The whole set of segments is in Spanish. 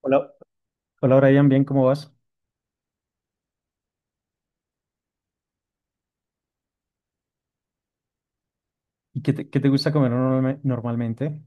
Hola, hola Brian, bien, ¿cómo vas? ¿Y qué te gusta comer normalmente?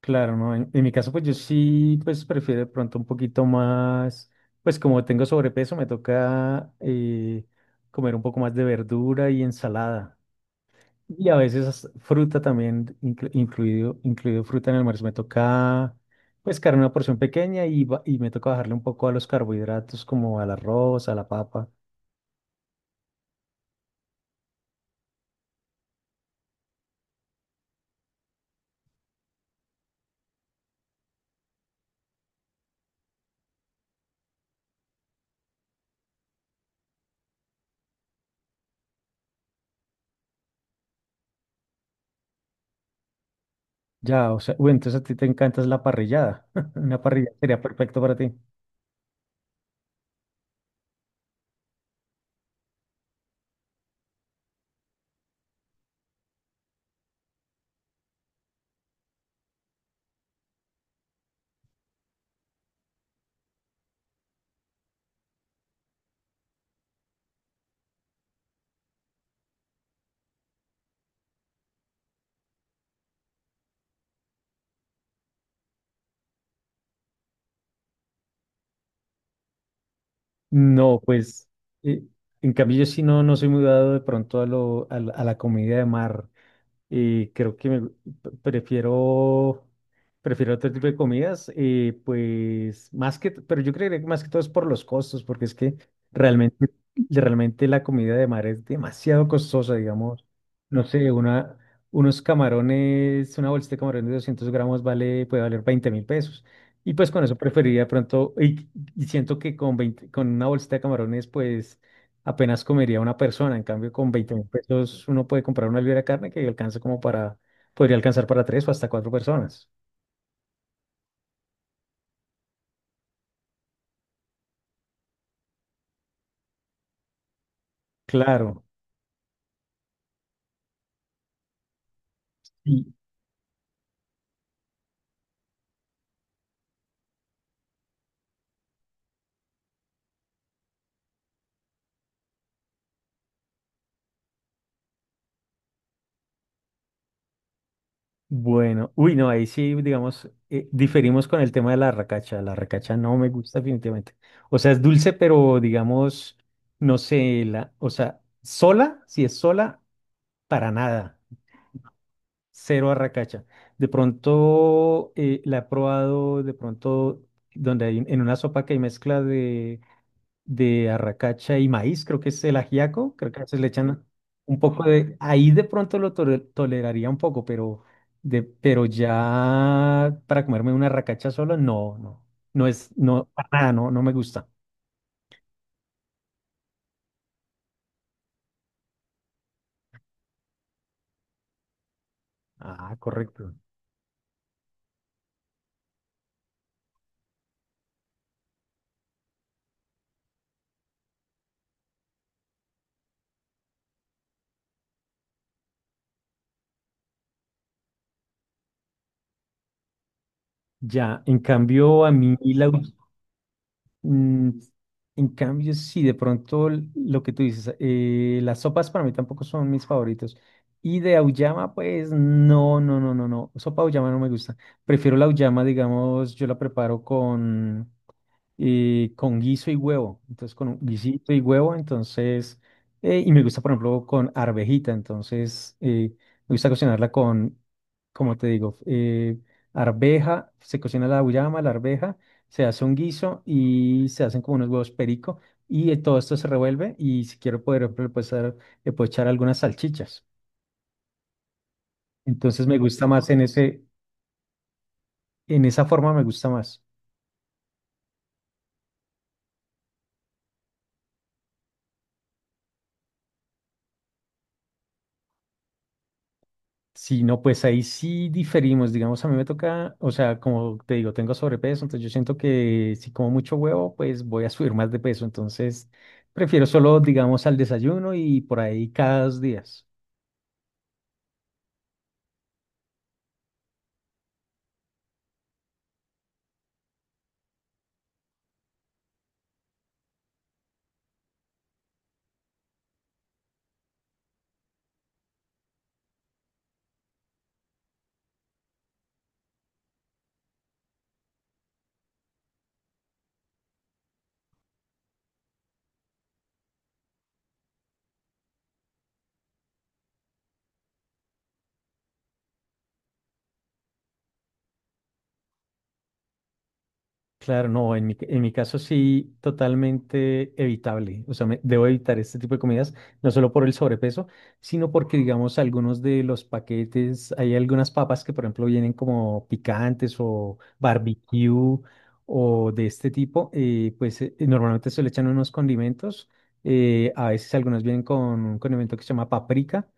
Claro, no, en mi caso pues yo sí pues prefiero de pronto un poquito más, pues como tengo sobrepeso me toca comer un poco más de verdura y ensalada y a veces hasta fruta también, incluido fruta en el almuerzo, me toca pues carne una porción pequeña y me toca bajarle un poco a los carbohidratos como al arroz, a la papa. Ya, o sea, uy, entonces a ti te encanta es la parrillada. Una parrilla sería perfecto para ti. No, pues, eh, en cambio yo sí no soy muy dado de pronto a la comida de mar. Creo que pre- prefiero, prefiero otro tipo de comidas, pues, pero yo creería que más que todo es por los costos, porque es que realmente realmente la comida de mar es demasiado costosa, digamos. No sé, unos camarones, una bolsita de camarones de 200 gramos puede valer 20.000 pesos. Y pues con eso preferiría de pronto, y siento que con una bolsita de camarones, pues apenas comería una persona. En cambio, con 20.000 pesos uno puede comprar una libra de carne que alcanza podría alcanzar para tres o hasta cuatro personas. Claro. Y, Bueno, uy, no, ahí sí, digamos, diferimos con el tema de la racacha. La racacha no me gusta definitivamente. O sea, es dulce, pero digamos, no sé, o sea, sola, si es sola, para nada. Cero arracacha. De pronto la he probado, de pronto, donde hay en una sopa que hay mezcla de arracacha y maíz, creo que es el ajiaco, creo que a veces le echan ahí de pronto lo toleraría un poco, pero ya para comerme una arracacha solo no, no, no es, no, para nada, no, no me gusta. Ah, correcto. Ya, en cambio a mí Mm, en cambio, sí, de pronto lo que tú dices, las sopas para mí tampoco son mis favoritos. Y de auyama, pues no, no, no, no, no. Sopa auyama no me gusta. Prefiero la auyama, digamos, yo la preparo con guiso y huevo. Entonces, con un guisito y huevo, entonces, y me gusta, por ejemplo, con arvejita. Entonces, me gusta cocinarla con, como te digo, arveja, se cocina la auyama, la arveja, se hace un guiso y se hacen como unos huevos perico y todo esto se revuelve y si quiero, poder ejemplo, le puedo echar algunas salchichas. Entonces, me gusta más en esa forma me gusta más. Sí, no, pues ahí sí diferimos, digamos, a mí me toca, o sea, como te digo, tengo sobrepeso, entonces yo siento que si como mucho huevo, pues voy a subir más de peso, entonces prefiero solo, digamos, al desayuno y por ahí cada 2 días. Claro, no, en mi caso sí, totalmente evitable. O sea, debo evitar este tipo de comidas, no solo por el sobrepeso, sino porque, digamos, algunos de los paquetes, hay algunas papas que, por ejemplo, vienen como picantes o barbecue o de este tipo, pues normalmente se le echan unos condimentos. A veces algunas vienen con un condimento que se llama paprika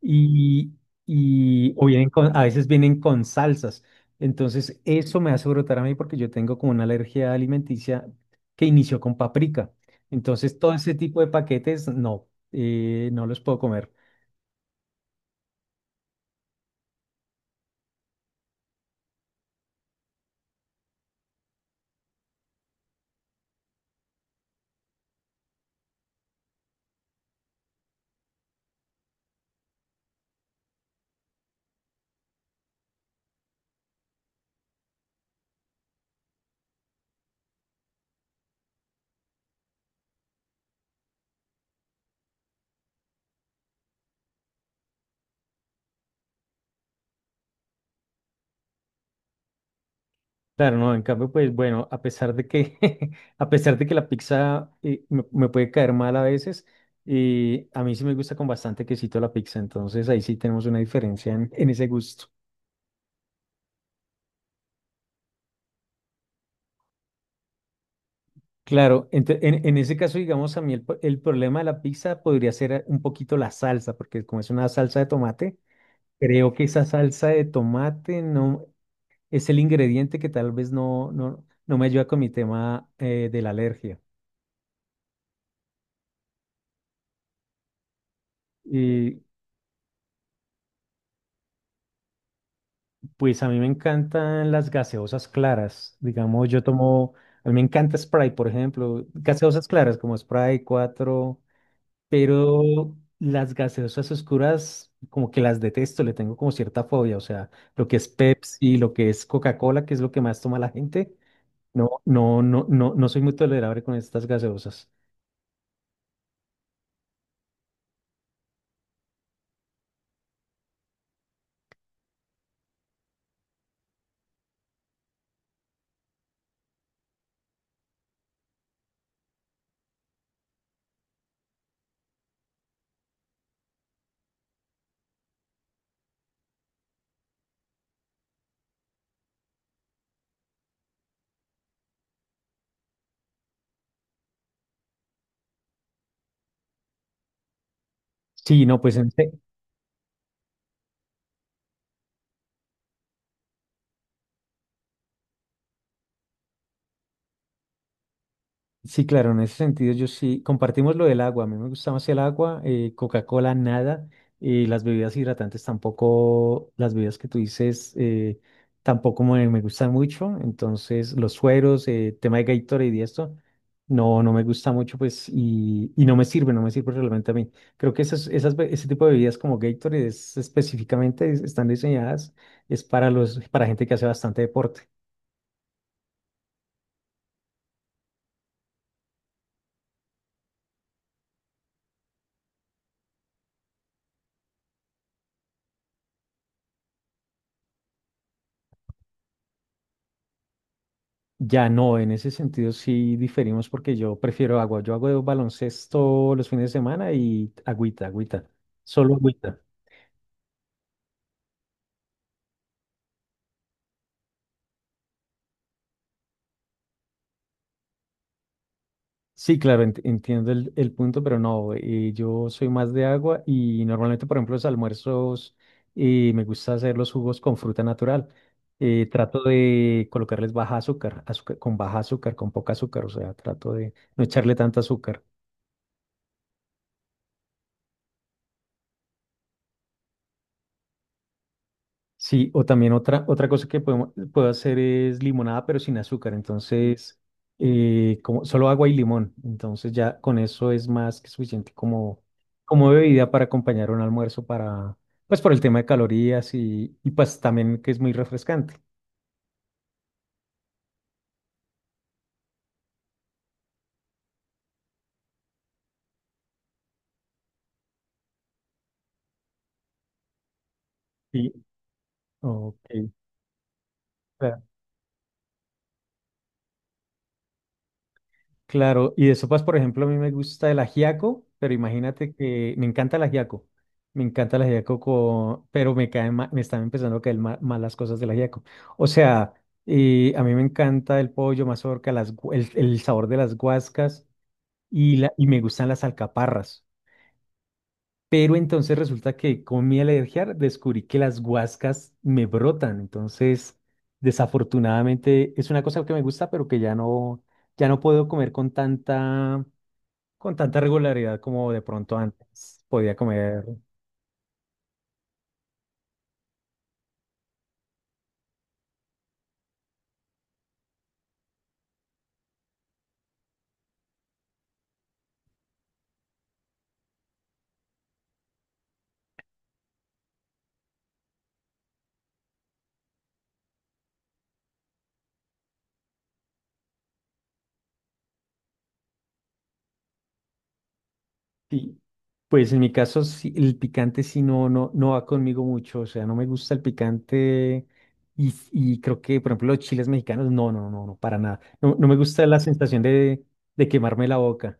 y, o a veces vienen con salsas. Entonces, eso me hace brotar a mí porque yo tengo como una alergia alimenticia que inició con paprika. Entonces, todo ese tipo de paquetes, no, no los puedo comer. Claro, no, en cambio, pues bueno, a pesar de que, a pesar de que la pizza me puede caer mal a veces, a mí sí me gusta con bastante quesito la pizza, entonces ahí sí tenemos una diferencia en ese gusto. Claro, en ese caso, digamos, a mí el problema de la pizza podría ser un poquito la salsa, porque como es una salsa de tomate, creo que esa salsa de tomate no es el ingrediente que tal vez no, no, no me ayuda con mi tema de la alergia. Y pues a mí me encantan las gaseosas claras, digamos, a mí me encanta Sprite, por ejemplo, gaseosas claras como Sprite cuatro. Pero las gaseosas oscuras, como que las detesto, le tengo como cierta fobia. O sea, lo que es Pepsi, lo que es Coca-Cola, que es lo que más toma la gente. No, no, no, no, no soy muy tolerable con estas gaseosas. Sí, no, sí, claro, en ese sentido yo sí, compartimos lo del agua, a mí me gusta más el agua, Coca-Cola nada, y las bebidas hidratantes tampoco, las bebidas que tú dices tampoco me gustan mucho, entonces los sueros, tema de Gatorade y esto, no, no me gusta mucho pues y no me sirve, no me sirve realmente a mí. Creo que ese tipo de bebidas como Gatorade específicamente están diseñadas, es para gente que hace bastante deporte. Ya no, en ese sentido sí diferimos porque yo prefiero agua. Yo hago baloncesto los fines de semana y agüita, agüita, solo agüita. Sí, claro, entiendo el punto, pero no, yo soy más de agua y normalmente, por ejemplo, los almuerzos me gusta hacer los jugos con fruta natural. Trato de colocarles baja azúcar, azúcar, con baja azúcar, con poca azúcar, o sea, trato de no echarle tanta azúcar. Sí, o también otra cosa que puedo hacer es limonada, pero sin azúcar. Entonces, como, solo agua y limón. Entonces ya con eso es más que suficiente como, bebida para acompañar un almuerzo para, pues por el tema de calorías y pues también que es muy refrescante. Sí, ok. Claro, y de sopas, por ejemplo, a mí me gusta el ajiaco, pero imagínate que me encanta el ajiaco. Me encanta el ajiaco, pero me están empezando a caer mal las cosas del ajiaco. O sea, a mí me encanta el pollo, mazorca, el sabor de las guascas y me gustan las alcaparras. Pero entonces resulta que con mi alergia descubrí que las guascas me brotan. Entonces, desafortunadamente, es una cosa que me gusta, pero que ya no puedo comer con tanta regularidad como de pronto antes podía comer. Sí. Pues en mi caso, sí, el picante sí no, no, no va conmigo mucho, o sea, no me gusta el picante y creo que, por ejemplo, los chiles mexicanos, no, no, no, no, para nada. No, no me gusta la sensación de quemarme la boca,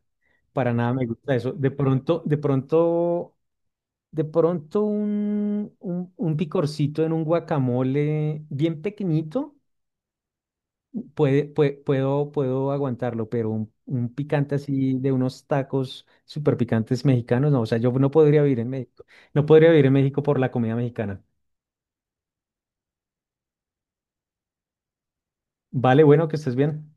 para nada me gusta eso. De pronto un picorcito en un guacamole bien pequeñito. Puedo aguantarlo, pero un picante así de unos tacos súper picantes mexicanos, no, o sea, yo no podría vivir en México, no podría vivir en México por la comida mexicana. Vale, bueno, que estés bien.